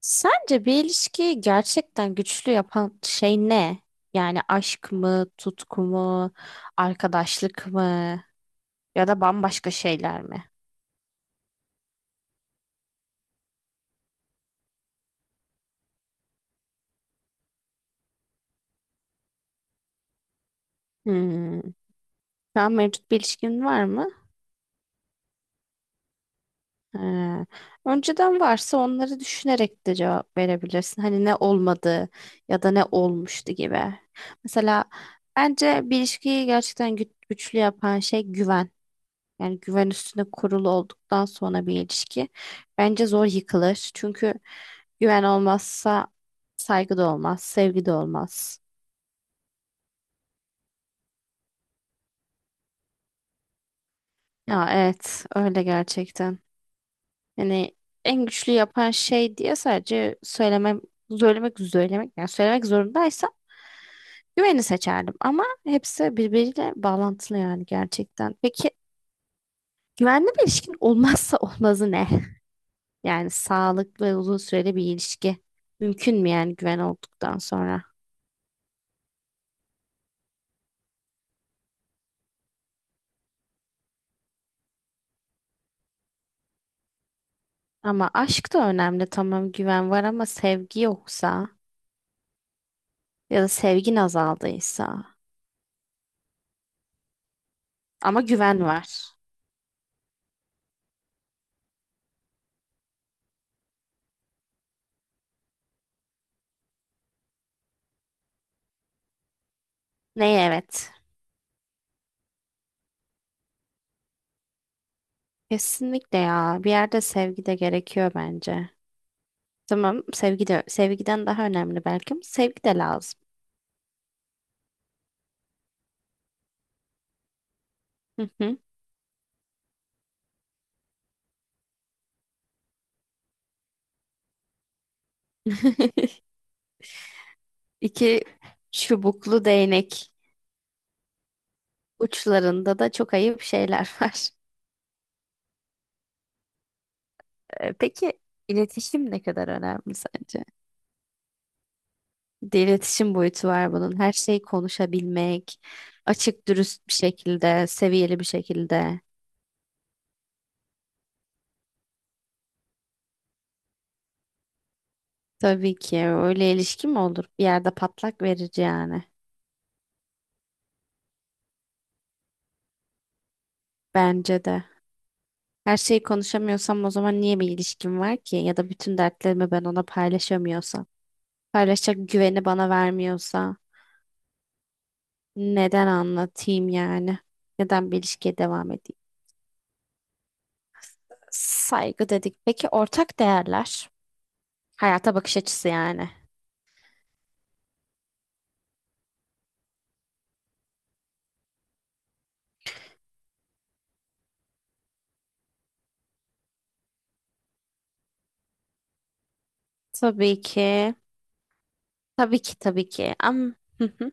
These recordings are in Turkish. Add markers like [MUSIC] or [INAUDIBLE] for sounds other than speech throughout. Sence bir ilişkiyi gerçekten güçlü yapan şey ne? Yani aşk mı, tutku mu, arkadaşlık mı ya da bambaşka şeyler mi? Hmm. Şu an mevcut bir ilişkin var mı? Ha. Önceden varsa onları düşünerek de cevap verebilirsin. Hani ne olmadı ya da ne olmuştu gibi. Mesela bence bir ilişkiyi gerçekten güçlü yapan şey güven. Yani güven üstüne kurulu olduktan sonra bir ilişki bence zor yıkılır. Çünkü güven olmazsa saygı da olmaz, sevgi de olmaz. Ya evet, öyle gerçekten. Yani en güçlü yapan şey diye sadece söylemem, yani söylemek zorundaysam güveni seçerdim. Ama hepsi birbiriyle bağlantılı yani gerçekten. Peki güvenli bir ilişkin olmazsa olmazı ne? Yani sağlıklı ve uzun süreli bir ilişki mümkün mü yani güven olduktan sonra? Ama aşk da önemli, tamam güven var ama sevgi yoksa ya da sevgin azaldıysa ama güven var. Neye evet? Kesinlikle, ya bir yerde sevgi de gerekiyor bence. Tamam sevgi de, sevgiden daha önemli belki ama sevgi de lazım. Hı hı. [LAUGHS] İki çubuklu değnek uçlarında da çok ayıp şeyler [LAUGHS] var. Peki iletişim ne kadar önemli sence? Bir de iletişim boyutu var bunun. Her şeyi konuşabilmek, açık dürüst bir şekilde, seviyeli bir şekilde. Tabii ki, öyle ilişki mi olur? Bir yerde patlak verici yani. Bence de. Her şeyi konuşamıyorsam o zaman niye bir ilişkim var ki? Ya da bütün dertlerimi ben ona paylaşamıyorsam, paylaşacak güveni bana vermiyorsa, neden anlatayım yani? Neden bir ilişkiye devam edeyim? Saygı dedik. Peki ortak değerler, hayata bakış açısı yani. Tabii ki. Tabii ki tabii ki, ama, hı hı,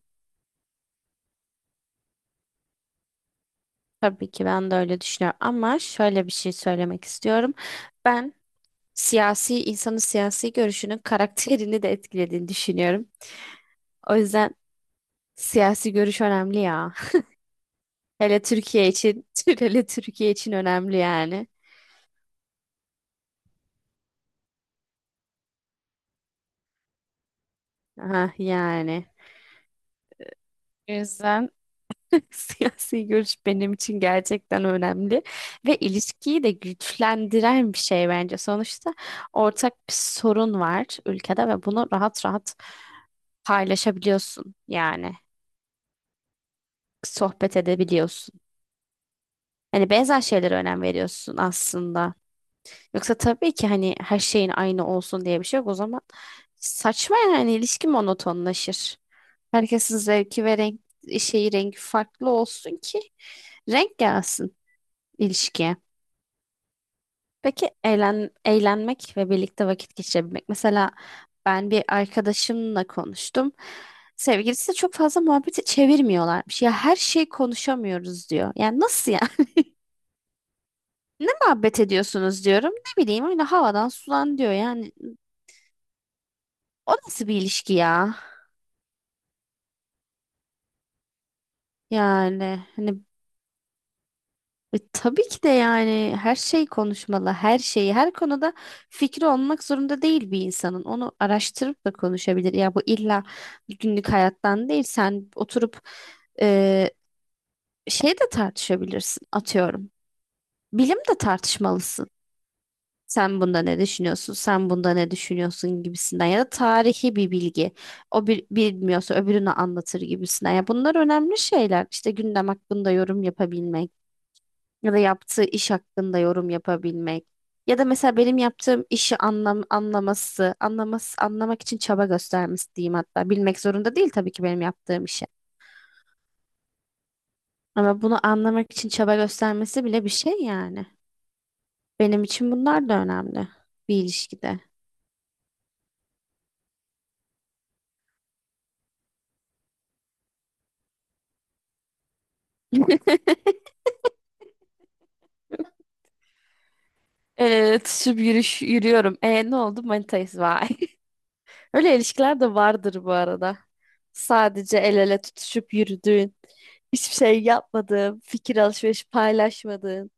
tabii ki ben de öyle düşünüyorum ama şöyle bir şey söylemek istiyorum. Ben siyasi, insanın siyasi görüşünün karakterini de etkilediğini düşünüyorum. O yüzden siyasi görüş önemli ya. [LAUGHS] Hele Türkiye için, [LAUGHS] hele Türkiye için önemli yani. Aha, yani. O yüzden [LAUGHS] siyasi görüş benim için gerçekten önemli ve ilişkiyi de güçlendiren bir şey bence. Sonuçta ortak bir sorun var ülkede ve bunu rahat rahat paylaşabiliyorsun yani, sohbet edebiliyorsun. Hani benzer şeylere önem veriyorsun aslında. Yoksa tabii ki hani her şeyin aynı olsun diye bir şey yok. O zaman saçma, yani ilişki monotonlaşır. Herkesin zevki ve renk, şeyi, rengi farklı olsun ki renk gelsin ilişkiye. Peki eğlenmek ve birlikte vakit geçirebilmek. Mesela ben bir arkadaşımla konuştum. Sevgilisi de çok fazla muhabbeti çevirmiyorlarmış. Ya her şey konuşamıyoruz diyor. Yani nasıl ya? [LAUGHS] Muhabbet ediyorsunuz diyorum. Ne bileyim, öyle havadan sudan diyor. Yani o nasıl bir ilişki ya? Yani hani, e, tabii ki de yani her şey konuşmalı, her şeyi, her konuda fikri olmak zorunda değil bir insanın. Onu araştırıp da konuşabilir. Ya bu illa günlük hayattan değil. Sen oturup e, şey de tartışabilirsin atıyorum. Bilim de tartışmalısın. Sen bunda ne düşünüyorsun? Sen bunda ne düşünüyorsun gibisinden, ya da tarihi bir bilgi. O bir bilmiyorsa öbürünü anlatır gibisinden. Ya bunlar önemli şeyler. İşte gündem hakkında yorum yapabilmek. Ya da yaptığı iş hakkında yorum yapabilmek. Ya da mesela benim yaptığım işi anlamak için çaba göstermesi diyeyim hatta. Bilmek zorunda değil tabii ki benim yaptığım işi. Ama bunu anlamak için çaba göstermesi bile bir şey yani. Benim için bunlar da önemli bir ilişkide. [LAUGHS] Evet, şu yürüyüş yürüyorum. E ne oldu? Manitayız vay. [LAUGHS] Öyle ilişkiler de vardır bu arada. Sadece el ele tutuşup yürüdüğün, hiçbir şey yapmadığın, fikir alışverişi paylaşmadığın.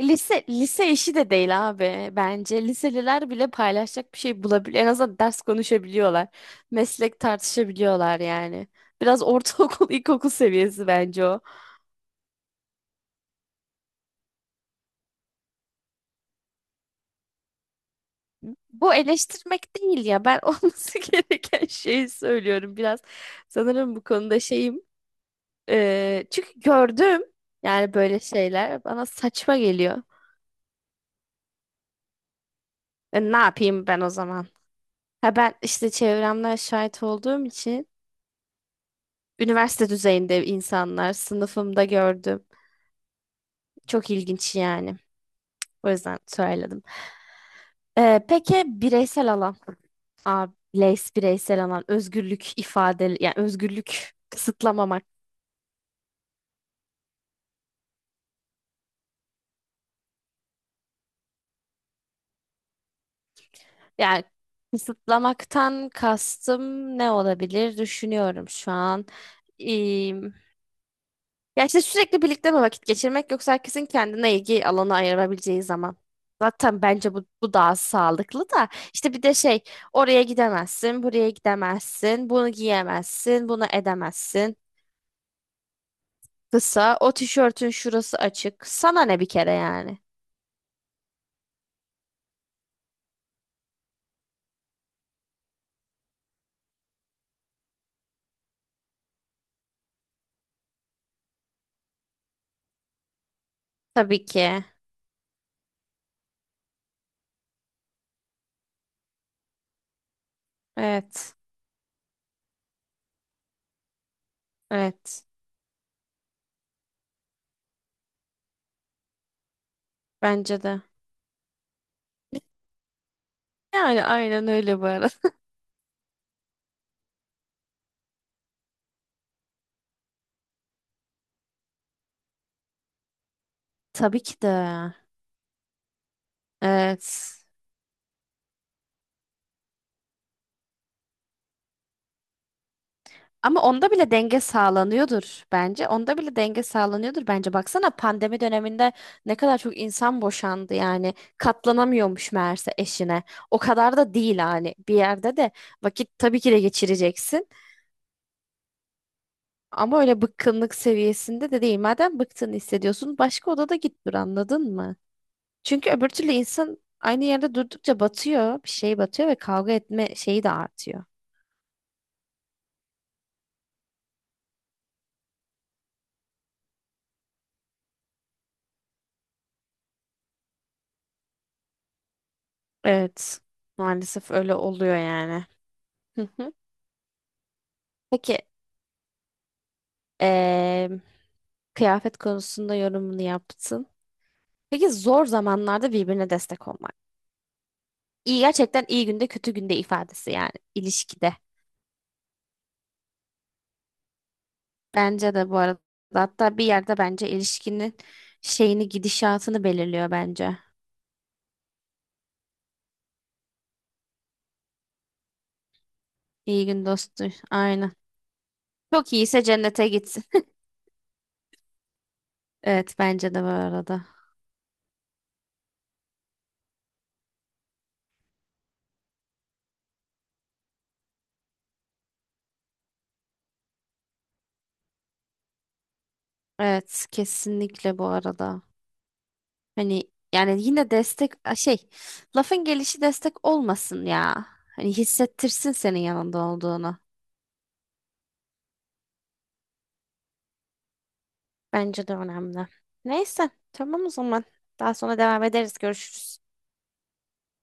Lise işi de değil abi bence. Liseliler bile paylaşacak bir şey bulabiliyor. En azından ders konuşabiliyorlar. Meslek tartışabiliyorlar yani. Biraz ortaokul, [LAUGHS] ilkokul seviyesi bence o. Bu eleştirmek değil ya. Ben [LAUGHS] olması gereken şeyi söylüyorum biraz. Sanırım bu konuda şeyim. Çünkü gördüm yani, böyle şeyler bana saçma geliyor. E, ne yapayım ben o zaman? Ha ben işte çevremden şahit olduğum için üniversite düzeyinde insanlar, sınıfımda gördüm. Çok ilginç yani. O yüzden söyledim. Peki bireysel alan. Aa, bireysel alan. Özgürlük ifade. Yani özgürlük kısıtlamamak. Yani kısıtlamaktan kastım ne olabilir? Düşünüyorum şu an. Ya işte sürekli birlikte mi vakit geçirmek, yoksa herkesin kendine ilgi alanı ayırabileceği zaman. Zaten bence bu daha sağlıklı da, işte bir de şey, oraya gidemezsin, buraya gidemezsin, bunu giyemezsin, bunu edemezsin. Kısa, o tişörtün şurası açık. Sana ne bir kere yani? Tabii ki. Evet. Evet. Bence de. Yani aynen öyle bu arada. [LAUGHS] Tabii ki de. Evet. Ama onda bile denge sağlanıyordur bence. Onda bile denge sağlanıyordur bence. Baksana, pandemi döneminde ne kadar çok insan boşandı yani. Katlanamıyormuş meğerse eşine. O kadar da değil hani. Bir yerde de vakit tabii ki de geçireceksin. Ama öyle bıkkınlık seviyesinde de değil. Madem bıktığını hissediyorsun, başka odada git dur, anladın mı? Çünkü öbür türlü insan aynı yerde durdukça batıyor, bir şey batıyor ve kavga etme şeyi de artıyor. Evet, maalesef öyle oluyor yani. Hı hı. Peki, eee, kıyafet konusunda yorumunu yaptın. Peki zor zamanlarda birbirine destek olmak. İyi, gerçekten iyi günde kötü günde ifadesi yani ilişkide. Bence de, bu arada, hatta bir yerde bence ilişkinin şeyini, gidişatını belirliyor bence. İyi gün dostu. Aynen. Çok iyiyse cennete gitsin. [LAUGHS] Evet bence de bu arada. Evet kesinlikle bu arada. Hani yani, yine destek a, şey, lafın gelişi destek olmasın ya. Hani hissettirsin senin yanında olduğunu. Bence de önemli. Neyse, tamam o zaman. Daha sonra devam ederiz. Görüşürüz.